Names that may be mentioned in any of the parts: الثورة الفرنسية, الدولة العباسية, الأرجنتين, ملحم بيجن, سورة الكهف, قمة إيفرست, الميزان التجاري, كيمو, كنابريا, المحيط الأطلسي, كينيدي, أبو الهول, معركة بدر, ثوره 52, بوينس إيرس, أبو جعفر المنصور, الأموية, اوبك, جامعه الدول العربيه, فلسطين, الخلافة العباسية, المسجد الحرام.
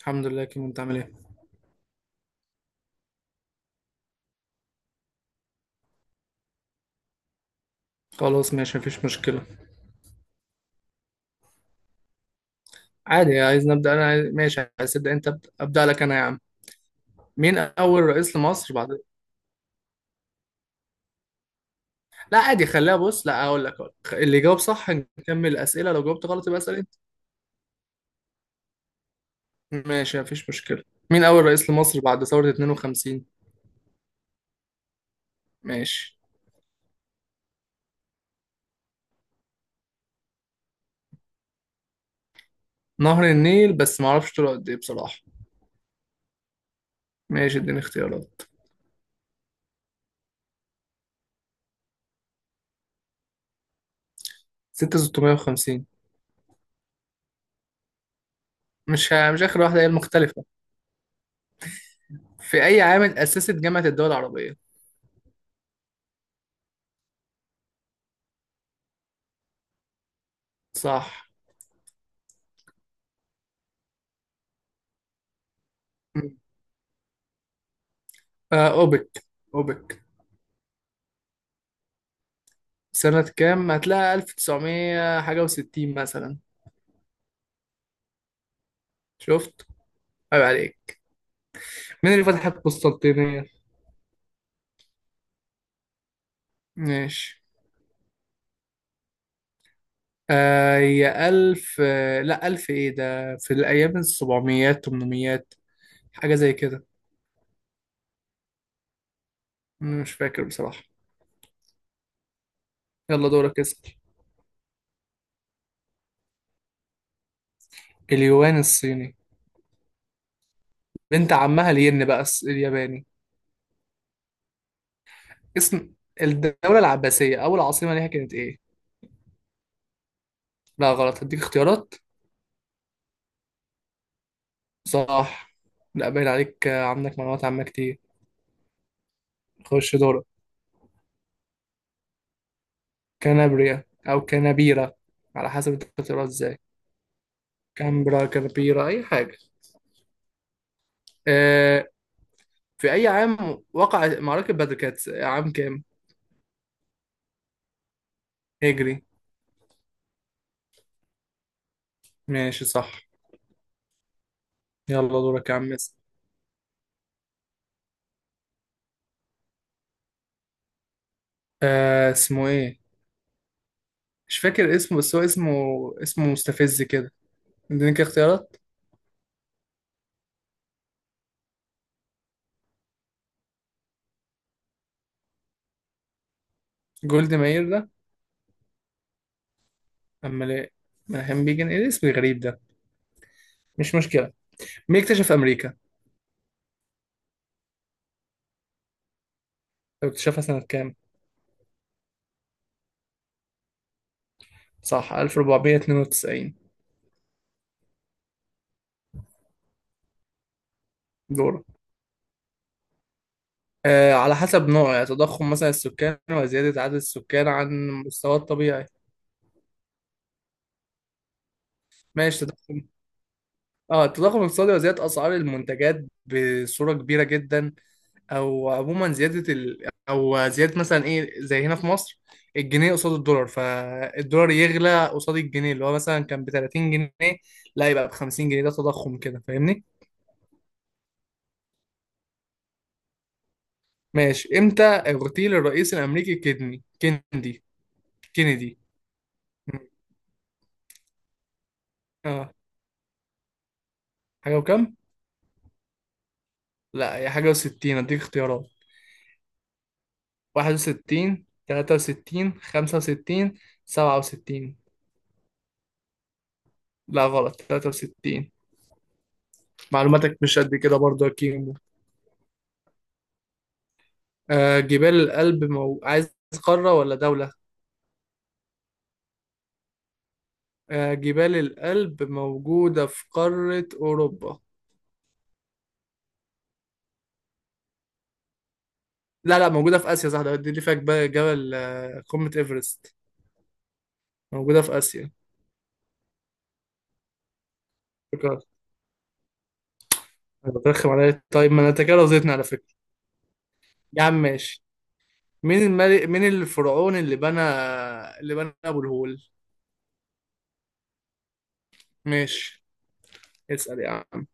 الحمد لله، كيمو، انت عامل ايه؟ خلاص ماشي، مفيش مشكله. عادي، عايز نبدا انا عايز... ماشي، عايز تبدا انت، ابدا لك انا يا عم. مين اول رئيس لمصر بعد؟ لا عادي، خليها. بص، لا اقول لك أقول لك. اللي جاوب صح نكمل الاسئله، لو جاوبت غلط يبقى اسال انت. ماشي مفيش مشكله. مين اول رئيس لمصر بعد ثوره 52؟ ماشي. نهر النيل، بس ما اعرفش طوله قد ايه بصراحه. ماشي، اديني اختيارات. 6650. مش اخر واحده، هي المختلفه. في اي عام اتاسست جامعه الدول العربيه؟ صح. آه، اوبك. اوبك. سنة كام؟ هتلاقي 1900 حاجة وستين مثلا. شفت؟ عيب عليك. مين اللي فتح القسطنطينية؟ ماشي. آه، هي ألف، آه لا ألف، إيه ده، في الأيام السبعميات، تمنميات، حاجة زي كده. مش فاكر بصراحة. يلا دورك، اسأل. اليوان الصيني. بنت عمها الين بقى الياباني. اسم الدولة العباسية، أول عاصمة ليها كانت إيه؟ لا غلط، هديك اختيارات. صح. لا باين عليك آه، عندك معلومات عامة كتير. خش دورك. كنابريا أو كنابيرة، على حسب أنت بتقراها إزاي. كامبرا، كنابيرا، أي حاجة. آه. في أي عام وقع معركة بدر، كانت عام كام؟ هجري. ماشي صح. يلا دورك يا عم. اسم. آه، اسمه إيه؟ مش فاكر اسمه، بس هو اسمه. اسمه مستفز كده. اديني كده اختيارات. جولد ماير ده. أمال إيه؟ ملحم بيجن، إيه الاسم الغريب ده؟ مش مشكلة. مين اكتشف أمريكا؟ طب اكتشفها سنة كام؟ صح، 1492. دورك. آه، على حسب نوع، يعني تضخم مثلا السكان، وزيادة عدد السكان عن المستوى الطبيعي. ماشي، تضخم. اه، التضخم الاقتصادي، وزيادة أسعار المنتجات بصورة كبيرة جدا. أو عموما زيادة أو زيادة مثلا إيه، زي هنا في مصر، الجنيه قصاد الدولار، فالدولار يغلى قصاد الجنيه اللي هو مثلا كان ب 30 جنيه، لا يبقى ب 50 جنيه، ده تضخم كده. فاهمني؟ ماشي. امتى اغتيل الرئيس الأمريكي كيدني كيندي كينيدي؟ اه، حاجة وكام؟ لا هي حاجة وستين، اديك اختيارات. واحد وستين، تلاتة وستين، خمسة وستين، سبعة وستين. لا غلط، تلاتة وستين. معلوماتك مش قد كده برضه يا كيمو. آه جبال الألب عايز قارة ولا دولة؟ آه، جبال الألب موجودة في قارة أوروبا. لا لا، موجودة في آسيا، صح ده، دي اللي فيها جبال، جبل آه، قمة إيفرست، موجودة في آسيا. فكرة. أنا بترخم عليا؟ طيب ما أنا أنت كده رضيتني، على فكرة. يا عم ماشي. مين الملك، مين الفرعون اللي بنى أبو الهول؟ ماشي. اسأل يا عم.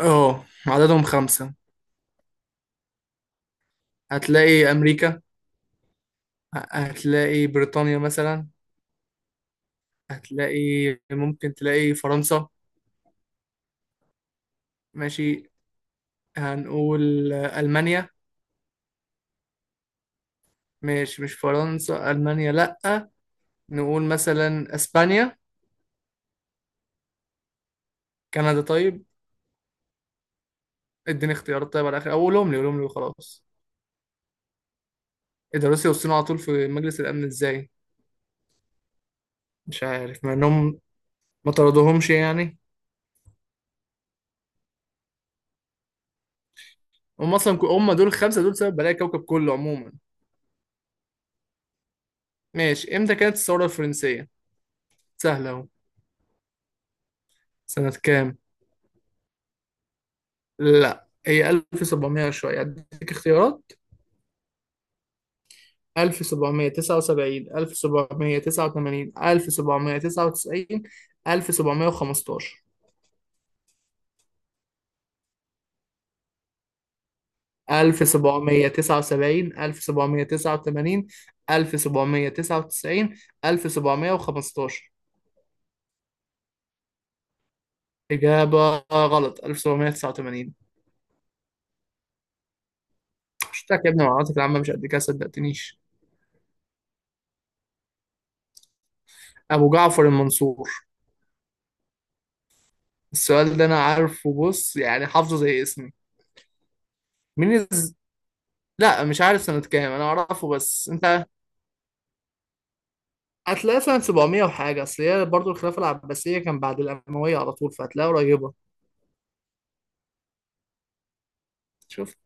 اه، عددهم خمسة. هتلاقي أمريكا. هتلاقي بريطانيا مثلا. هتلاقي، ممكن تلاقي فرنسا. ماشي، هنقول ألمانيا. ماشي، مش فرنسا، ألمانيا لأ. نقول مثلا أسبانيا. كندا طيب. اديني اختيارات طيب على الآخر، أو قولهم لي وخلاص. إيه ده، روسيا والصين على طول في مجلس الأمن إزاي؟ مش عارف مع إنهم ما طردوهمش يعني. هم أصلا هم دول الخمسة دول سبب بلايا الكوكب كله عموما. ماشي. إمتى كانت الثورة الفرنسية؟ سهلة أهو. سنة كام؟ لا هي 1700 شوية، أديك اختيارات. 1779، 1789، 1799، 1715. 1779، 1789، 1799، 1715. إجابة غلط، 1789. شفتك يا ابني، معلوماتك العامة مش قد كده، صدقتنيش. أبو جعفر المنصور. السؤال ده أنا عارفه بص، يعني حافظه زي اسمي. مين؟ لا مش عارف سنة كام، انا اعرفه بس انت. هتلاقي سنة 700 وحاجة، اصل هي برضه الخلافة العباسية كان بعد الأموية على طول، فهتلاقيها قريبة. شفت.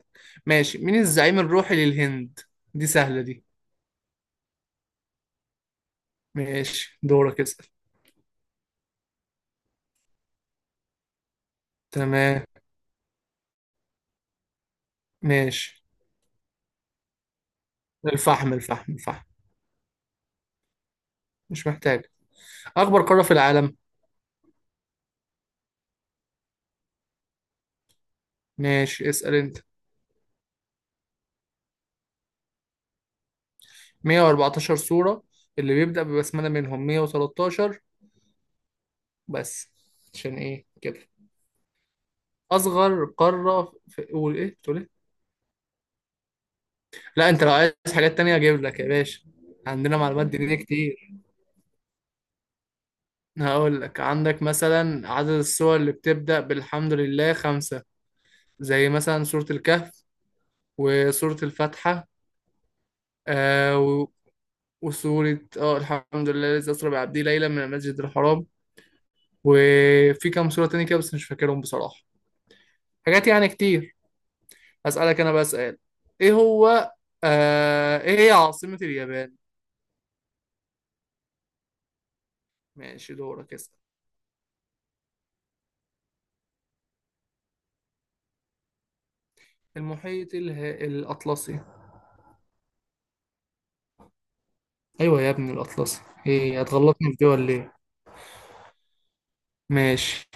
ماشي. مين الزعيم الروحي للهند؟ دي سهلة دي. ماشي، دورك اسأل. تمام. ماشي. الفحم، الفحم، الفحم. مش محتاج. أكبر قارة في العالم. ماشي، اسأل أنت. 114 سورة. اللي بيبدأ ببسملة منهم 113 بس. عشان إيه كده. أصغر قارة في، قول إيه تقول إيه. لا انت لو عايز حاجات تانية اجيب لك يا باشا، عندنا معلومات دينية كتير. هقول لك، عندك مثلا عدد السور اللي بتبدأ بالحمد لله خمسة. زي مثلا سورة الكهف، وسورة الفاتحة، آه و- وسورة الحمد لله الذي أسرى بعبده ليلا من المسجد الحرام. وفي كام سورة تانية كده بس مش فاكرهم بصراحة، حاجات يعني كتير. أسألك أنا بقى سؤال. إيه هو؟ إيه هي عاصمة اليابان؟ ماشي، دورك اسأل. المحيط الأطلسي. ايوه يا ابني الاطلسي، ايه هتغلطني في دي ولا ايه؟ ماشي،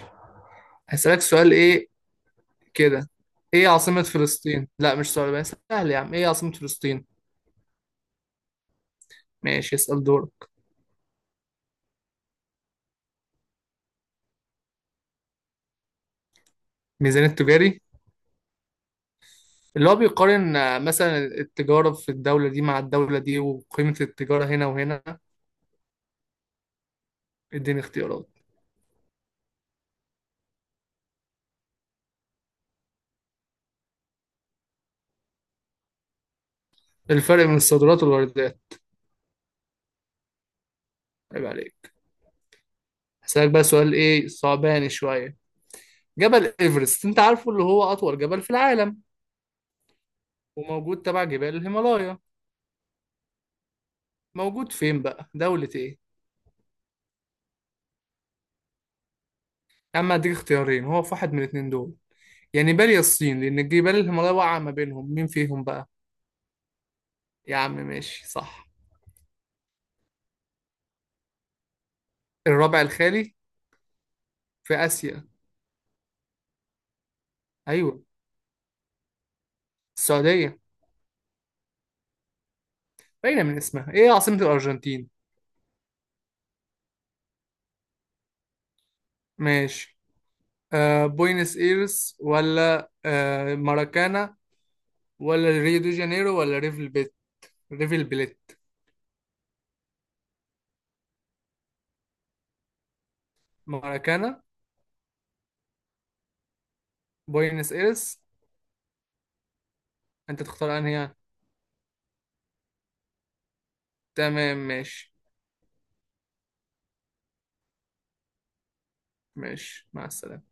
هسألك سؤال ايه كده. ايه عاصمة فلسطين؟ لا مش سؤال بس سهل يا عم، ايه عاصمة فلسطين؟ ماشي، اسأل دورك. ميزان التجاري. اللي هو بيقارن آه، مثلا التجارة في الدولة دي مع الدولة دي، وقيمة التجارة هنا وهنا. اديني اختيارات. الفرق بين الصادرات والواردات. عيب عليك. هسألك بقى سؤال ايه صعباني شوية. جبل ايفرست انت عارفه، اللي هو اطول جبل في العالم، وموجود تبع جبال الهيمالايا. موجود فين بقى، دولة ايه؟ يا عم هديك اختيارين، هو في واحد من الاتنين دول، يا نيبال يا الصين، لأن الجبال الهيمالايا واقعة ما بينهم، مين فيهم بقى؟ يا عم ماشي صح. الربع الخالي، في آسيا. أيوه، السعودية. باينة من اسمها. إيه عاصمة الأرجنتين؟ ماشي. آه، بوينس إيرس ولا آه ماراكانا، ولا ريو دي جانيرو ولا ريفل بيت، ريفل بليت. ماراكانا، بوينس إيرس. أنت تختار أنهي يعني؟ تمام ماشي. ماشي، مع السلامة.